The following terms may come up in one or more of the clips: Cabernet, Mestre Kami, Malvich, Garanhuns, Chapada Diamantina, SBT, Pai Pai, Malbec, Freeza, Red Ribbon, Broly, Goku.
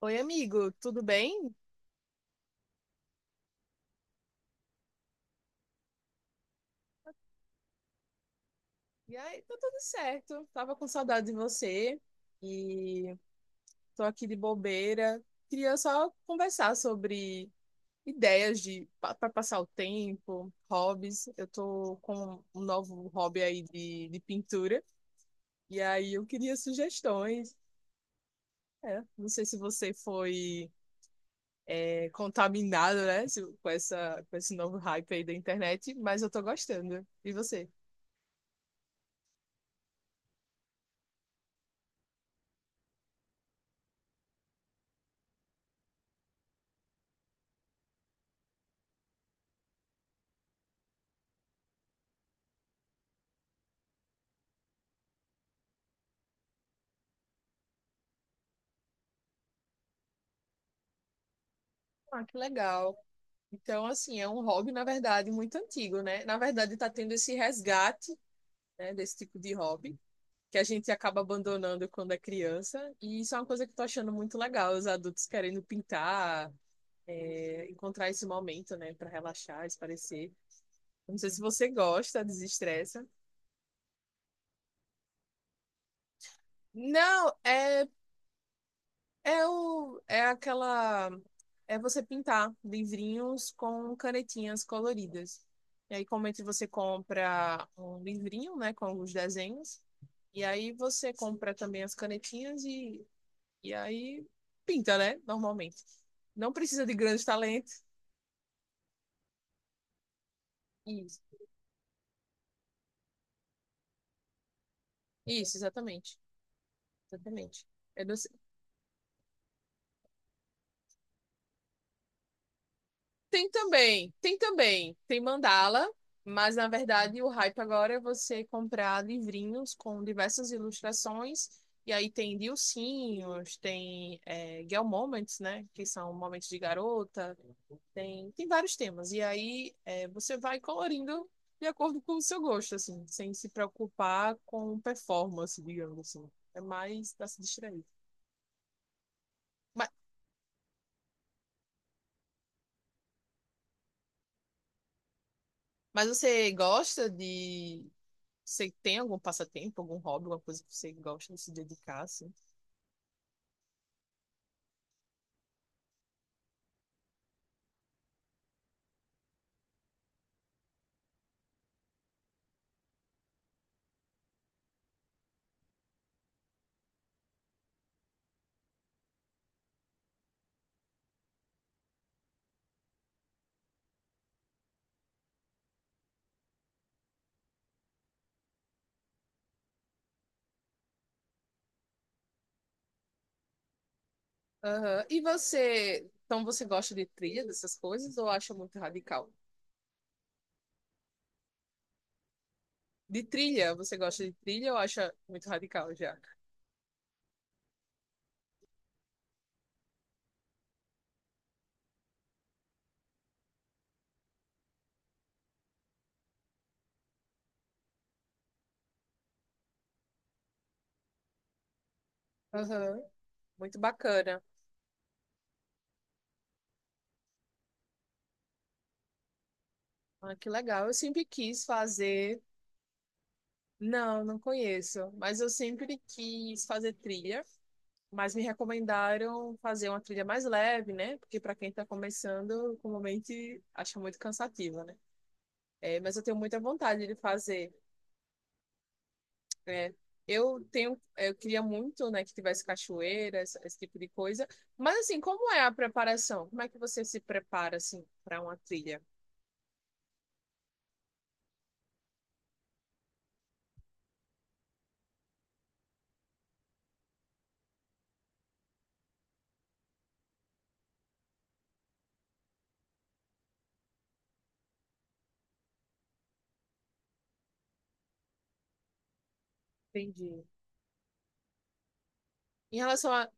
Oi, amigo, tudo bem? E aí, tá tudo certo. Tava com saudade de você e tô aqui de bobeira. Queria só conversar sobre ideias de para passar o tempo, hobbies. Eu tô com um novo hobby aí de pintura e aí eu queria sugestões. É, não sei se você foi contaminado, né, com essa, com esse novo hype aí da internet, mas eu tô gostando. E você? Ah, que legal. Então, assim, é um hobby, na verdade, muito antigo, né? Na verdade, está tendo esse resgate, né, desse tipo de hobby, que a gente acaba abandonando quando é criança. E isso é uma coisa que eu tô achando muito legal, os adultos querendo pintar, encontrar esse momento, né, para relaxar, espairecer. Não sei se você gosta, desestressa. Não, é. É aquela. É você pintar livrinhos com canetinhas coloridas. E aí, comumente você compra um livrinho, né, com os desenhos. E aí, você compra também as canetinhas e aí pinta, né, normalmente. Não precisa de grandes talentos. Isso, isso, exatamente. Exatamente. Eu não. Tem também, tem também, tem mandala, mas na verdade o hype agora é você comprar livrinhos com diversas ilustrações, e aí tem Dilcinhos, tem Girl Moments, né? Que são momentos de garota, tem, tem vários temas. E aí é, você vai colorindo de acordo com o seu gosto, assim, sem se preocupar com performance, digamos assim. É mais pra se distrair. Mas, mas você gosta de. Você tem algum passatempo, algum hobby, alguma coisa que você gosta de se dedicar, assim? Aham. E você, então você gosta de trilha, dessas coisas, ou acha muito radical? De trilha, você gosta de trilha ou acha muito radical já? Aham. Muito bacana. Ah, que legal. Eu sempre quis fazer. Não, não conheço, mas eu sempre quis fazer trilha, mas me recomendaram fazer uma trilha mais leve, né? Porque para quem está começando, comumente acha muito cansativa, né? É, mas eu tenho muita vontade de fazer. É, eu tenho, eu queria muito, né, que tivesse cachoeiras esse, esse tipo de coisa. Mas assim, como é a preparação? Como é que você se prepara assim para uma trilha? Entendi. Em relação à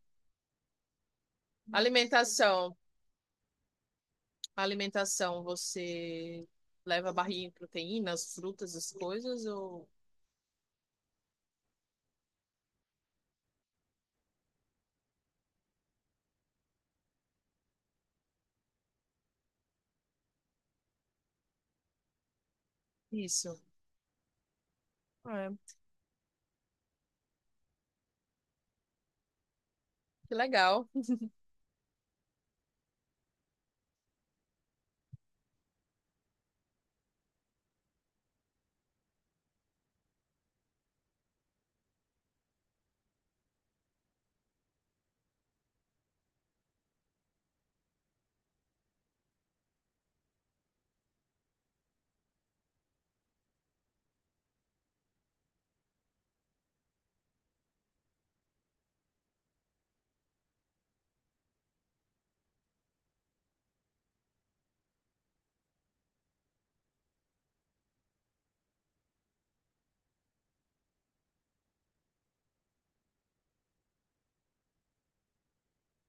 alimentação, a alimentação, você leva barrinha de proteínas, frutas, as coisas ou isso? É, que legal.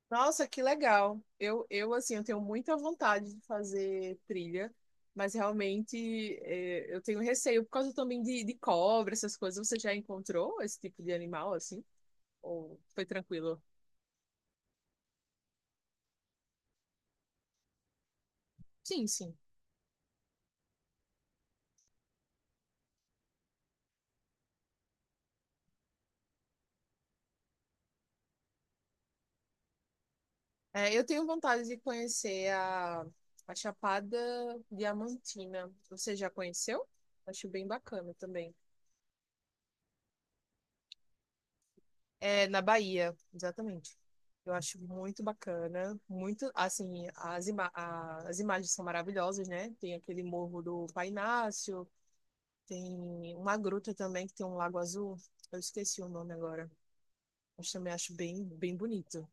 Nossa, que legal. Eu assim, eu tenho muita vontade de fazer trilha, mas realmente é, eu tenho receio por causa também de cobra, essas coisas. Você já encontrou esse tipo de animal, assim? Ou foi tranquilo? Sim, sim. É, eu tenho vontade de conhecer a Chapada Diamantina. Você já conheceu? Acho bem bacana também. É, na Bahia, exatamente. Eu acho muito bacana, muito, assim, as, as imagens são maravilhosas, né? Tem aquele morro do Painácio, tem uma gruta também que tem um lago azul. Eu esqueci o nome agora, mas também acho bem, bem bonito.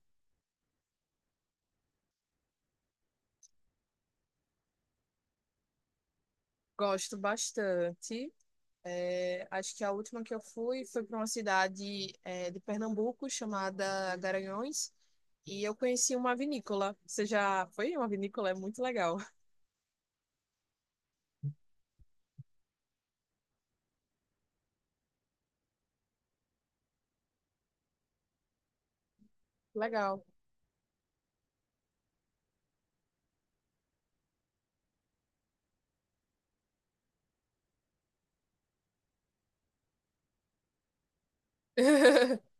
Gosto bastante. É, acho que a última que eu fui foi para uma cidade, é, de Pernambuco chamada Garanhuns e eu conheci uma vinícola. Você já foi em uma vinícola? É muito legal. Legal.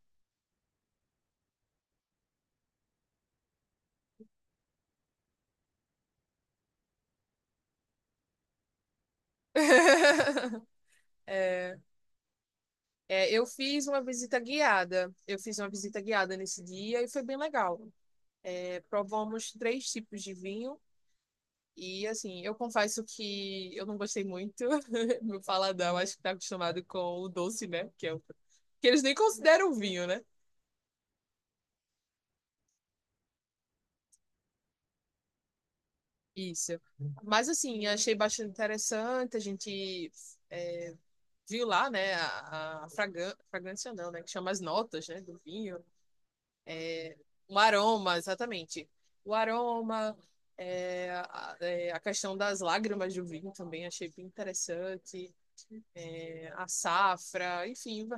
É, é, eu fiz uma visita guiada. Eu fiz uma visita guiada nesse dia e foi bem legal. É, provamos três tipos de vinho e, assim, eu confesso que eu não gostei muito. Meu paladão acho que tá acostumado com o doce, né? Que eles nem consideram vinho, né? Isso. Mas, assim, achei bastante interessante. A gente viu lá, né, a fragrância, não, né? Que chama as notas, né, do vinho. O aroma, exatamente. O aroma, a questão das lágrimas do vinho também achei bem interessante. É, a safra, enfim.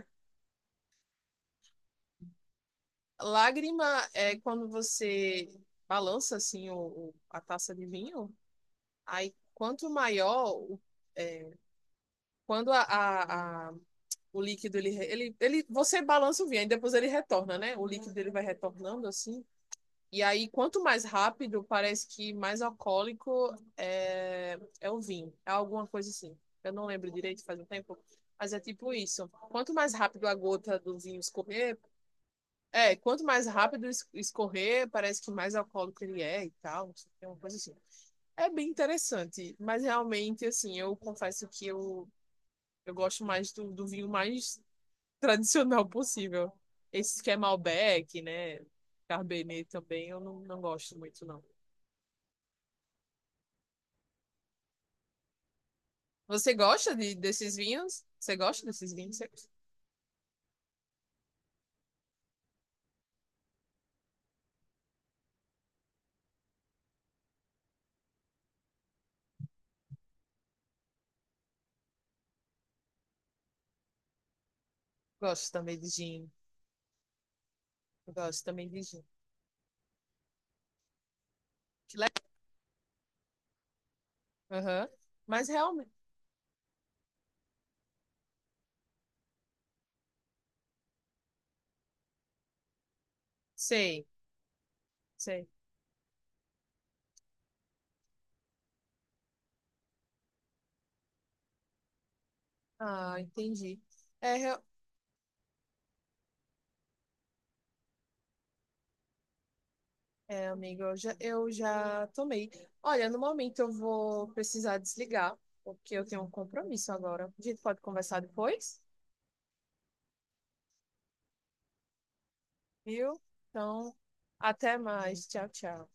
Lágrima é quando você balança assim a taça de vinho. Aí quanto maior, o- é, quando o líquido ele você balança o vinho, aí depois ele retorna, né? O líquido ele vai retornando assim. E aí, quanto mais rápido, parece que mais alcoólico é, é o vinho. É alguma coisa assim. Eu não lembro direito, faz um tempo. Mas é tipo isso. Quanto mais rápido a gota do vinho escorrer, é, quanto mais rápido escorrer, parece que mais alcoólico ele é e tal. Não sei, é uma coisa assim. É bem interessante. Mas realmente, assim, eu confesso que eu gosto mais do vinho mais tradicional possível. Esse que é Malbec, né? Cabernet também, eu não, não gosto muito, não. Você gosta de, desses vinhos? Você gosta desses vinhos? Você... Gosto também de gin. Eu gosto também de gin. Que legal. Aham. Mas realmente. Sei, sei. Ah, entendi. É, real- é amigo, eu já tomei. Olha, no momento eu vou precisar desligar, porque eu tenho um compromisso agora. A gente pode conversar depois, viu? Então, até mais. Tchau, tchau.